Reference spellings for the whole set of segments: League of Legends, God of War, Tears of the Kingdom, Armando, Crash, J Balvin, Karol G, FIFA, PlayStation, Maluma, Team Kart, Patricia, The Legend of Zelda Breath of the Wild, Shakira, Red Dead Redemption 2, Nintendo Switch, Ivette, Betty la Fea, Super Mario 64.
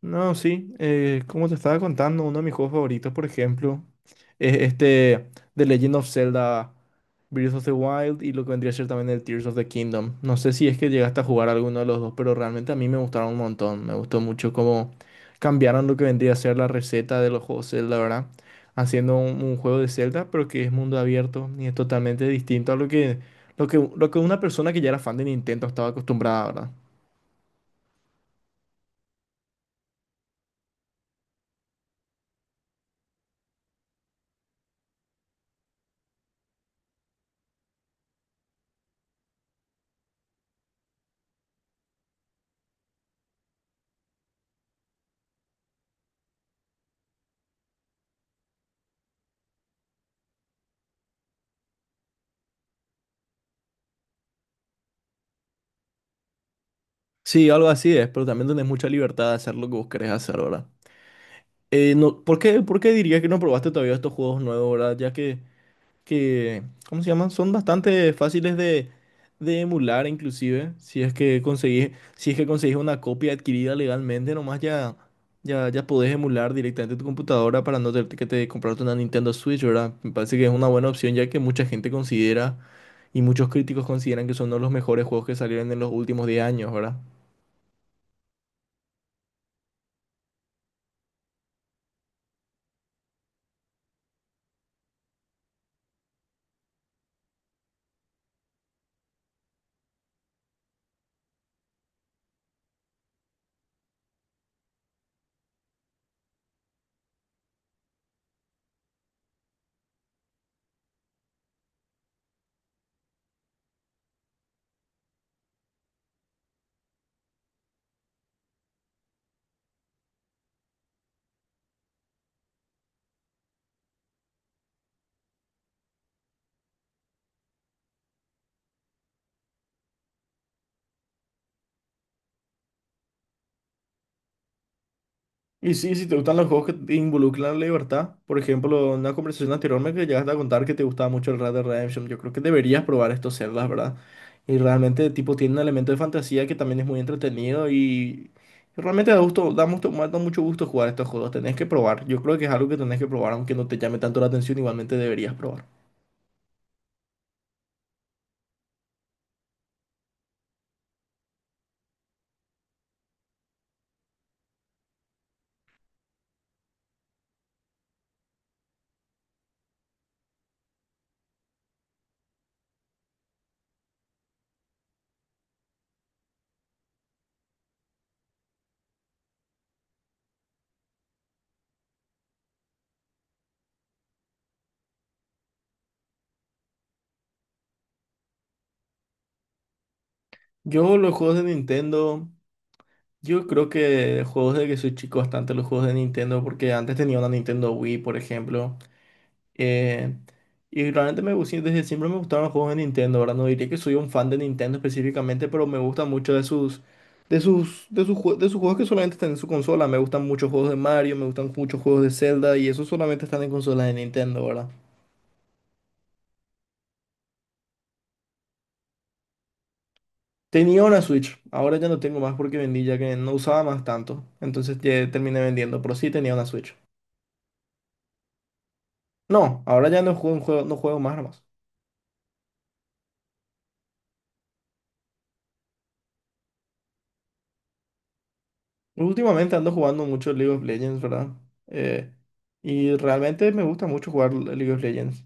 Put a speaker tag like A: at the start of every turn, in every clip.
A: No, sí, como te estaba contando, uno de mis juegos favoritos, por ejemplo, es este The Legend of Zelda Breath of the Wild y lo que vendría a ser también el Tears of the Kingdom. No sé si es que llegaste a jugar alguno de los dos, pero realmente a mí me gustaron un montón. Me gustó mucho cómo cambiaron lo que vendría a ser la receta de los juegos Zelda, ¿verdad? Haciendo un juego de Zelda, pero que es mundo abierto y es totalmente distinto a lo que una persona que ya era fan de Nintendo estaba acostumbrada, ¿verdad? Sí, algo así es, pero también tenés mucha libertad de hacer lo que vos querés hacer, ¿verdad? No, ¿por qué dirías que no probaste todavía estos juegos nuevos, ¿verdad? Ya que, ¿cómo se llaman? Son bastante fáciles de emular, inclusive, si es que conseguís una copia adquirida legalmente, nomás ya, ya, ya podés emular directamente tu computadora para no tener que te comprarte una Nintendo Switch, ¿verdad? Me parece que es una buena opción, ya que mucha gente considera y muchos críticos consideran que son uno de los mejores juegos que salieron en los últimos 10 años, ¿verdad? Y sí, si te gustan los juegos que te involucran la libertad, por ejemplo, en una conversación anterior me que llegaste a contar que te gustaba mucho el Red Dead Redemption, yo creo que deberías probar estos celdas, ¿verdad? Y realmente, tipo, tiene un elemento de fantasía que también es muy entretenido y realmente da mucho gusto jugar estos juegos, tenés que probar, yo creo que es algo que tenés que probar, aunque no te llame tanto la atención, igualmente deberías probar. Yo los juegos de Nintendo, yo creo que juegos de que soy chico bastante los juegos de Nintendo, porque antes tenía una Nintendo Wii, por ejemplo. Eh, y realmente desde siempre me gustaron los juegos de Nintendo, ¿verdad? No diría que soy un fan de Nintendo específicamente, pero me gusta mucho de sus, de sus juegos que solamente están en su consola. Me gustan muchos juegos de Mario, me gustan muchos juegos de Zelda y esos solamente están en consolas de Nintendo, ¿verdad? Tenía una Switch, ahora ya no tengo más porque vendí ya que no usaba más tanto. Entonces ya terminé vendiendo, pero sí tenía una Switch. No, ahora ya no juego, no juego más nomás. Últimamente ando jugando mucho League of Legends, ¿verdad? Eh, y realmente me gusta mucho jugar League of Legends.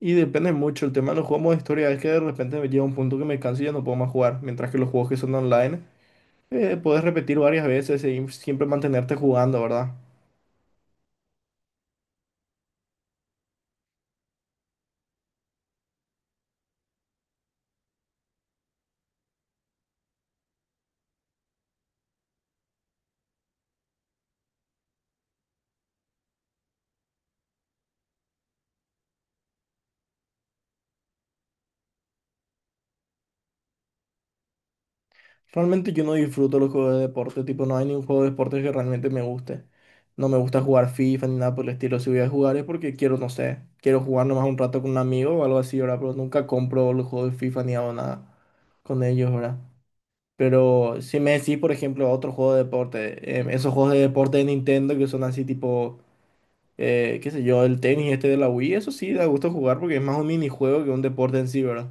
A: Y depende mucho, el tema de los juegos de historia es que de repente me llega un punto que me canso y ya no puedo más jugar. Mientras que los juegos que son online, puedes repetir varias veces y siempre mantenerte jugando, ¿verdad? Realmente yo no disfruto los juegos de deporte, tipo, no hay ningún juego de deporte que realmente me guste. No me gusta jugar FIFA ni nada por el estilo. Si voy a jugar es porque quiero, no sé, quiero jugar nomás un rato con un amigo o algo así, ¿verdad? Pero nunca compro los juegos de FIFA ni hago nada con ellos, ¿verdad? Pero si me decís, por ejemplo, otro juego de deporte, esos juegos de deporte de Nintendo que son así tipo, qué sé yo, el tenis este de la Wii, eso sí da gusto jugar porque es más un minijuego que un deporte en sí, ¿verdad?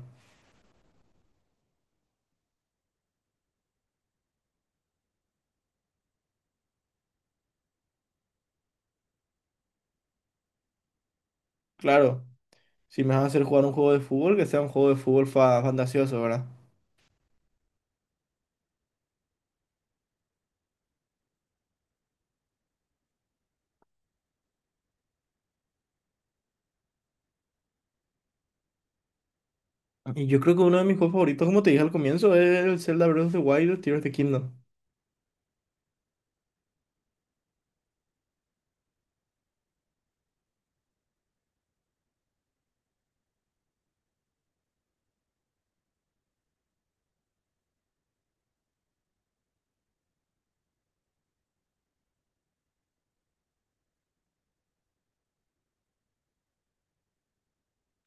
A: Claro. Si me vas a hacer jugar un juego de fútbol, que sea un juego de fútbol fantasioso, ¿verdad? Y yo creo que uno de mis juegos favoritos, como te dije al comienzo, es el Zelda Breath of the Wild, el Tears of the Kingdom.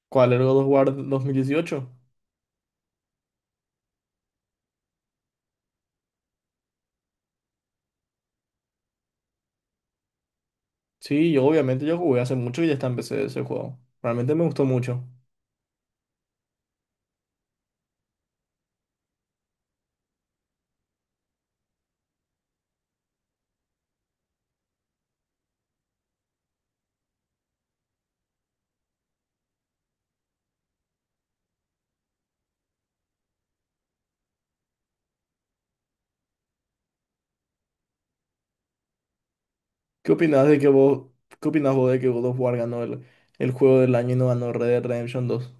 A: ¿Cuál era el God of War 2018? Sí, yo obviamente yo jugué hace mucho y ya está en PC ese juego. Realmente me gustó mucho. ¿Qué opinás de que vos, qué opinás vos de que God of War ganó el juego del año y no ganó Red Dead Redemption 2?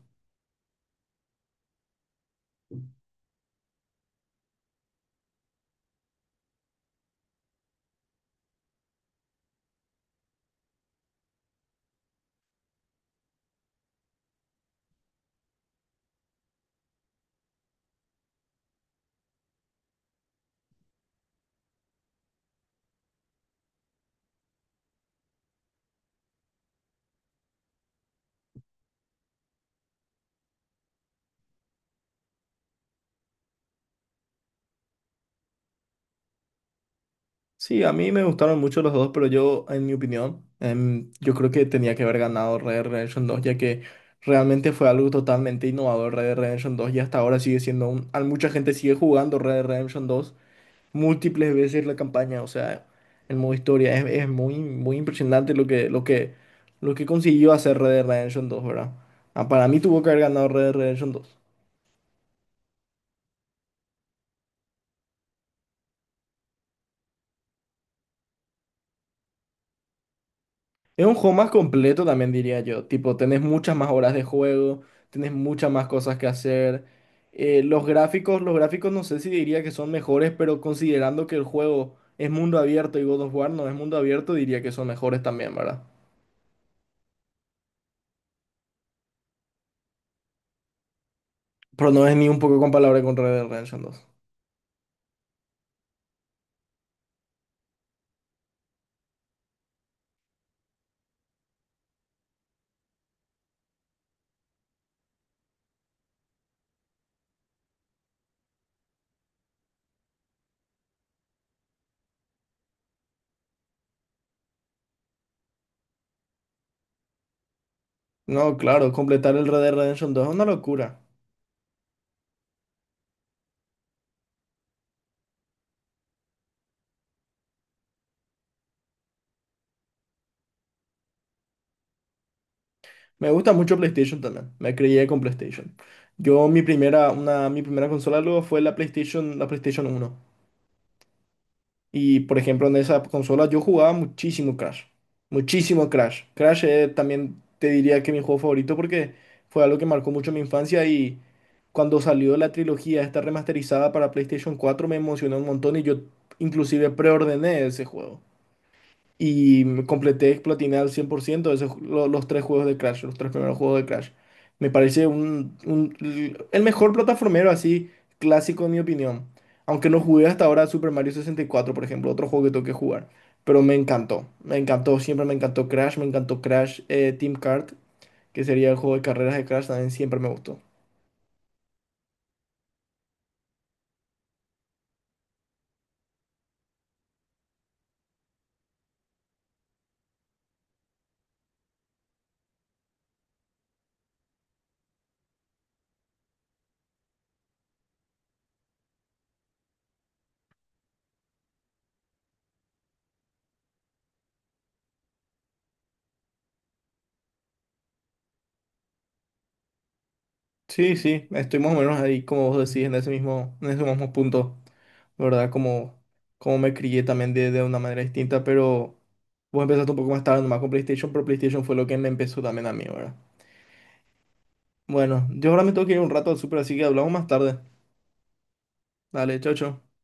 A: Sí, a mí me gustaron mucho los dos, pero yo, en mi opinión, yo creo que tenía que haber ganado Red Dead Redemption 2, ya que realmente fue algo totalmente innovador Red Dead Redemption 2, y hasta ahora sigue siendo mucha gente sigue jugando Red Dead Redemption 2 múltiples veces la campaña, o sea, el modo historia. Es muy, muy impresionante lo que, lo que consiguió hacer Red Dead Redemption 2, ¿verdad? Ah, para mí tuvo que haber ganado Red Dead Redemption 2. Es un juego más completo también diría yo. Tipo, tenés muchas más horas de juego, tenés muchas más cosas que hacer. Los gráficos no sé si diría que son mejores, pero considerando que el juego es mundo abierto y God of War no es mundo abierto, diría que son mejores también, ¿verdad? Pero no es ni un poco comparable con Red Dead Redemption 2. No, claro, completar el Red Dead Redemption 2 es una locura. Me gusta mucho PlayStation también. Me crié con PlayStation. Yo mi primera, una, mi primera consola luego fue la PlayStation 1. Y por ejemplo, en esa consola yo jugaba muchísimo Crash. Muchísimo Crash. Crash también te diría que mi juego favorito porque fue algo que marcó mucho mi infancia y cuando salió la trilogía esta remasterizada para PlayStation 4 me emocionó un montón y yo inclusive preordené ese juego. Y me completé, platiné al 100% los tres juegos de Crash, los tres primeros juegos de Crash. Me parece el mejor plataformero así clásico en mi opinión. Aunque no jugué hasta ahora Super Mario 64, por ejemplo, otro juego que tengo que jugar. Pero me encantó, siempre me encantó Crash Team Kart, que sería el juego de carreras de Crash, también siempre me gustó. Sí, sí, estoy más o menos ahí, como vos decís, en ese mismo punto, ¿verdad? Como me crié también de una manera distinta, pero vos empezaste un poco más tarde nomás con PlayStation, pero PlayStation fue lo que me empezó también a mí, ¿verdad? Bueno, yo ahora me tengo que ir un rato al súper, así que hablamos más tarde. Dale, chao, chao.